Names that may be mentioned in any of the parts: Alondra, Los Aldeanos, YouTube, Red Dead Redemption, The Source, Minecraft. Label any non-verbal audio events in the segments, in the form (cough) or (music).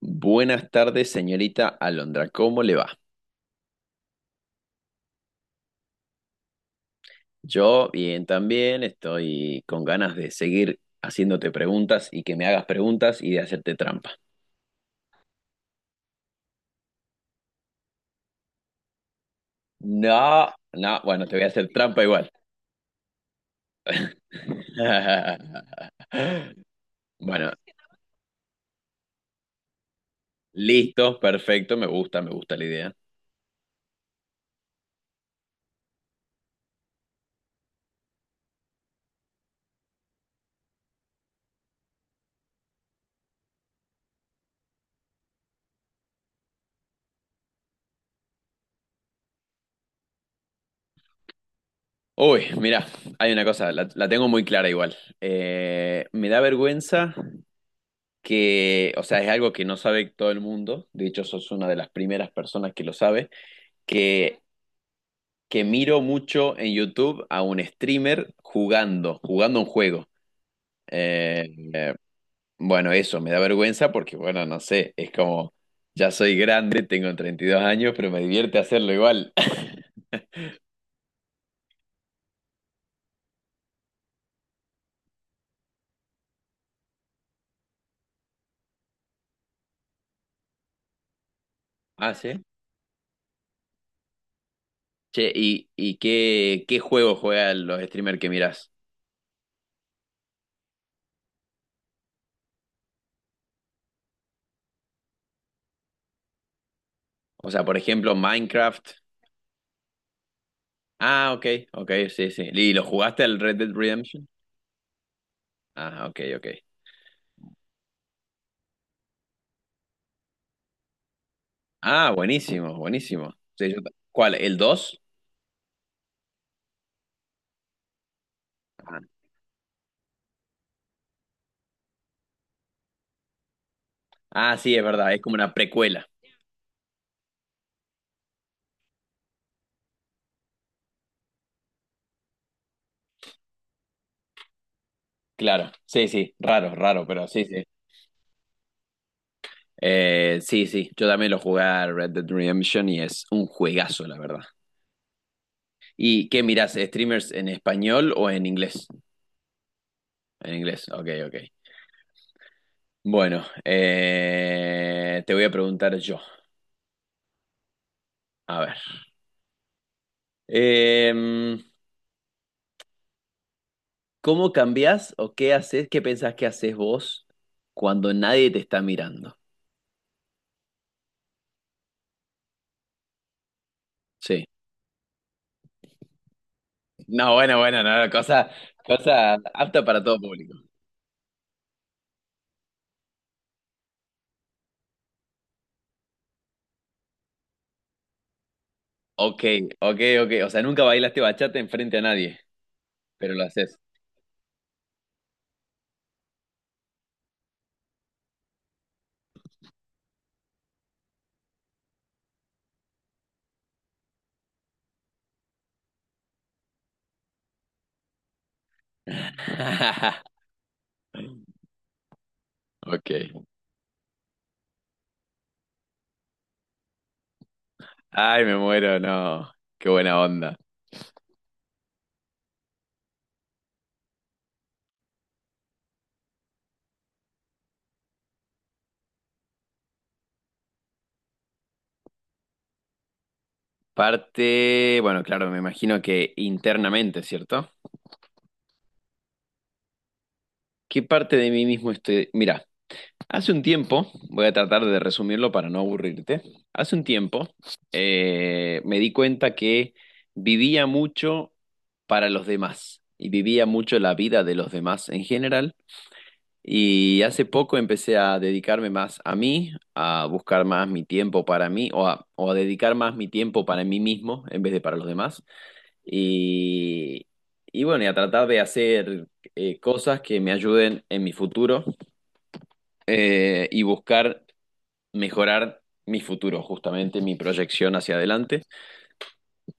Buenas tardes, señorita Alondra. ¿Cómo le va? Yo bien también, estoy con ganas de seguir haciéndote preguntas y que me hagas preguntas y de hacerte trampa. No, no, bueno, te voy a hacer trampa igual. (laughs) Bueno, listo, perfecto, me gusta la idea. Uy, mira, hay una cosa, la tengo muy clara igual. Me da vergüenza que, o sea, es algo que no sabe todo el mundo, de hecho, sos una de las primeras personas que lo sabe, que que miro mucho en YouTube a un streamer jugando un juego. Eh, eh, bueno, eso me da vergüenza porque, bueno, no sé, es como, ya soy grande, tengo 32 años, pero me divierte hacerlo igual. (laughs) Ah, sí. Che, ¿y qué juego juegan los streamers que mirás? O sea, por ejemplo, Minecraft. Ah, ok, ok, sí, sí. ¿Y lo jugaste al Red Dead Redemption? Ah, ok, ok. Ah, buenísimo, buenísimo. Sí, ¿Cuál? ¿El 2 Ah. Ah, sí, es verdad, es como una precuela. Claro, sí, sí, raro, raro, pero sí, sí. Sí, sí, yo también lo jugué a Red Dead Redemption y es un juegazo, la verdad. ¿Y qué mirás, streamers en español o en inglés? En inglés, ok, ok. Bueno, te voy a preguntar yo. A ver. Em, ¿Cómo cambiás o qué haces, qué pensás que haces vos cuando nadie te está mirando? Sí. No, bueno, bueno, no, cosa apta para todo público. Ok, ok, ok. O sea, nunca bailaste bachata enfrente a nadie, pero lo haces. (laughs) Ok. Ay, me muero, no. Qué buena onda. Parte, bueno, claro, me imagino que internamente, ¿cierto? ¿Qué parte de mí mismo estoy? Mira, hace un tiempo, voy a tratar de resumirlo para no aburrirte. Hace un tiempo me di cuenta que vivía mucho para los demás y vivía mucho la vida de los demás en general. Y hace poco empecé a dedicarme más a mí, a buscar más mi tiempo para mí o a dedicar más mi tiempo para mí mismo en vez de para los demás. Y, y bueno, y a tratar de hacer cosas que me ayuden en mi futuro y buscar mejorar mi futuro, justamente mi proyección hacia adelante.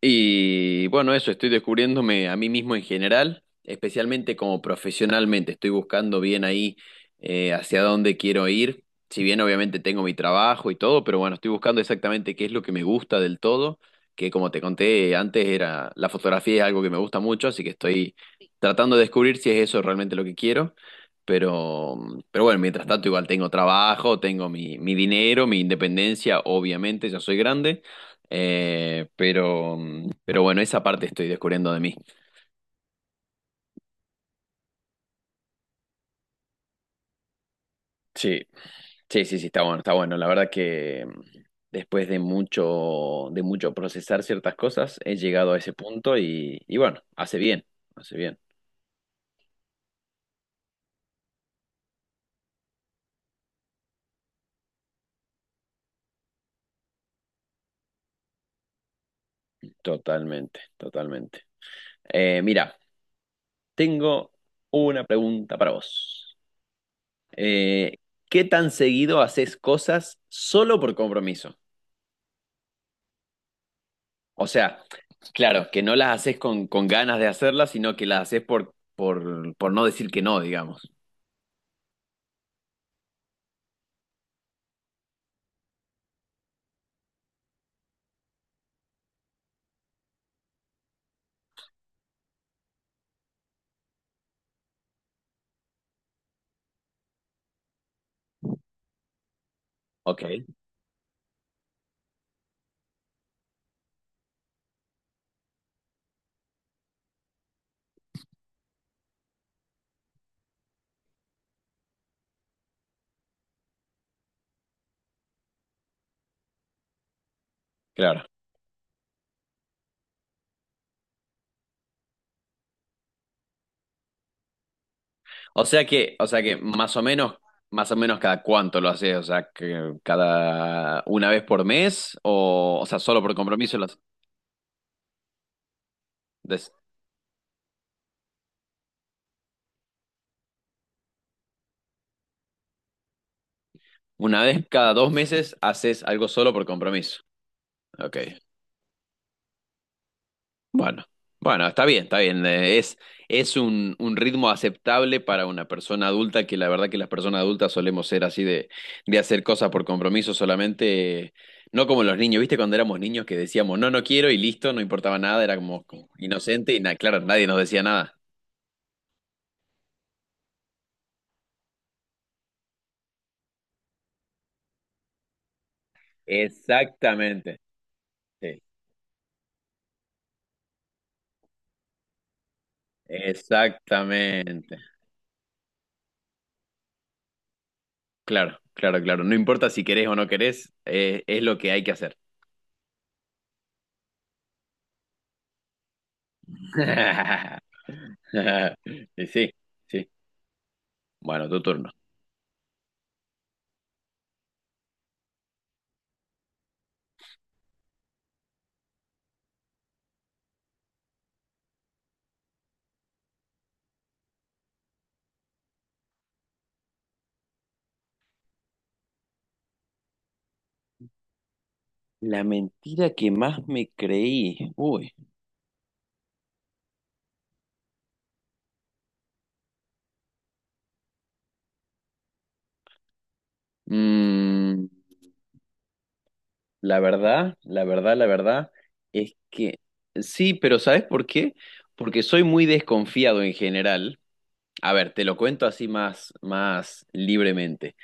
Y bueno, eso, estoy descubriéndome a mí mismo en general, especialmente como profesionalmente. Estoy buscando bien ahí hacia dónde quiero ir. Si bien obviamente tengo mi trabajo y todo, pero bueno, estoy buscando exactamente qué es lo que me gusta del todo, que como te conté antes era la fotografía es algo que me gusta mucho, así que estoy tratando de descubrir si es eso realmente lo que quiero. Pero, pero bueno, mientras tanto igual tengo trabajo, tengo mi dinero, mi independencia, obviamente ya soy grande. Pero bueno, esa parte estoy descubriendo de mí. Sí, sí, sí, sí, está bueno, está bueno. La verdad que después de mucho procesar ciertas cosas, he llegado a ese punto y bueno, hace bien, hace bien. Totalmente, totalmente. Mira, tengo una pregunta para vos. Eh, ¿Qué tan seguido haces cosas solo por compromiso? O sea, claro, que no las haces con ganas de hacerlas, sino que las haces por no decir que no, digamos. Ok, claro. O sea que más o menos cada cuánto lo haces, o sea, que cada una vez por mes, o sea, solo por compromiso lo haces. Des- Una vez cada 2 meses haces algo solo por compromiso. Ok. Bueno, bueno, está bien, está bien. Es un ritmo aceptable para una persona adulta, que la verdad que las personas adultas solemos ser así de hacer cosas por compromiso solamente, no como los niños, ¿viste? Cuando éramos niños que decíamos, no, no quiero y listo, no importaba nada, era como inocente y claro, nadie nos decía nada. Exactamente, sí, exactamente. Claro, claro, claro. No importa si querés o no querés, es lo que hay que hacer. (laughs) Y sí, sí. Bueno, tu turno. La mentira que más me creí. Uy. Mm, la verdad es que sí, pero ¿sabes por qué? Porque soy muy desconfiado en general. A ver, te lo cuento así más libremente.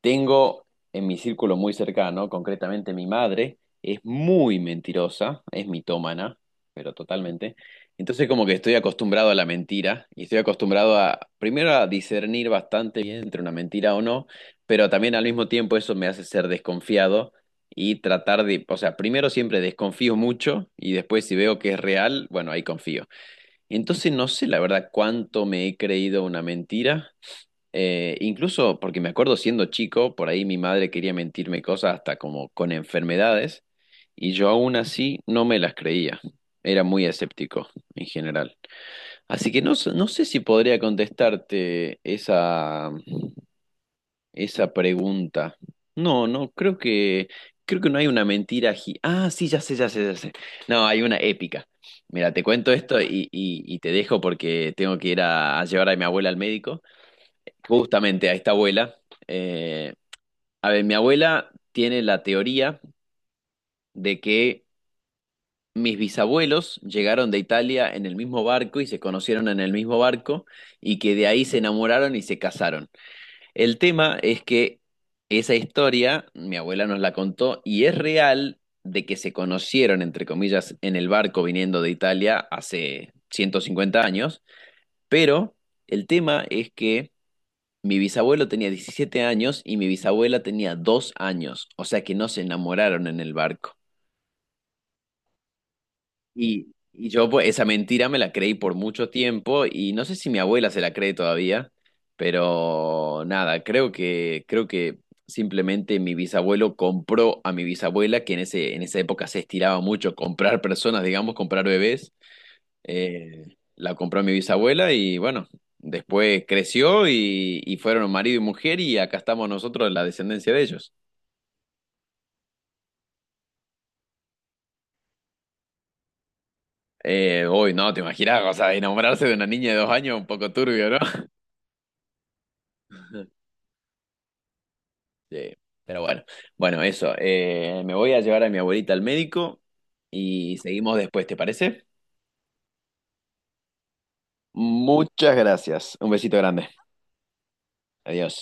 Tengo en mi círculo muy cercano, concretamente mi madre, es muy mentirosa, es mitómana, pero totalmente. Entonces como que estoy acostumbrado a la mentira y estoy acostumbrado a, primero a discernir bastante bien entre una mentira o no, pero también al mismo tiempo eso me hace ser desconfiado y tratar de, o sea, primero siempre desconfío mucho y después si veo que es real, bueno, ahí confío. Entonces no sé la verdad cuánto me he creído una mentira incluso porque me acuerdo siendo chico, por ahí mi madre quería mentirme cosas hasta como con enfermedades, y yo aún así no me las creía. Era muy escéptico en general. Así que no, no sé si podría contestarte esa pregunta. No, no, creo que, no hay una mentira. Ah, sí, ya sé, ya sé, ya sé. No, hay una épica. Mira, te cuento esto y te dejo porque tengo que ir a llevar a mi abuela al médico justamente a esta abuela. Eh, a ver, mi abuela tiene la teoría de que mis bisabuelos llegaron de Italia en el mismo barco y se conocieron en el mismo barco y que de ahí se enamoraron y se casaron. El tema es que esa historia, mi abuela nos la contó y es real de que se conocieron, entre comillas, en el barco viniendo de Italia hace 150 años, pero el tema es que mi bisabuelo tenía 17 años y mi bisabuela tenía 2 años, o sea que no se enamoraron en el barco. Y yo pues, esa mentira me la creí por mucho tiempo y no sé si mi abuela se la cree todavía, pero nada, creo que, simplemente mi bisabuelo compró a mi bisabuela, que en esa época se estiraba mucho comprar personas, digamos, comprar bebés. Eh, la compró mi bisabuela y bueno, después creció y fueron marido y mujer y acá estamos nosotros, la descendencia de ellos. Uy, no, te imaginas, o sea, enamorarse de una niña de 2 años, un poco turbio, ¿no? (laughs) Sí, pero bueno, bueno, eso. Me voy a llevar a mi abuelita al médico y seguimos después, ¿te parece? Muchas gracias. Un besito grande. Adiós.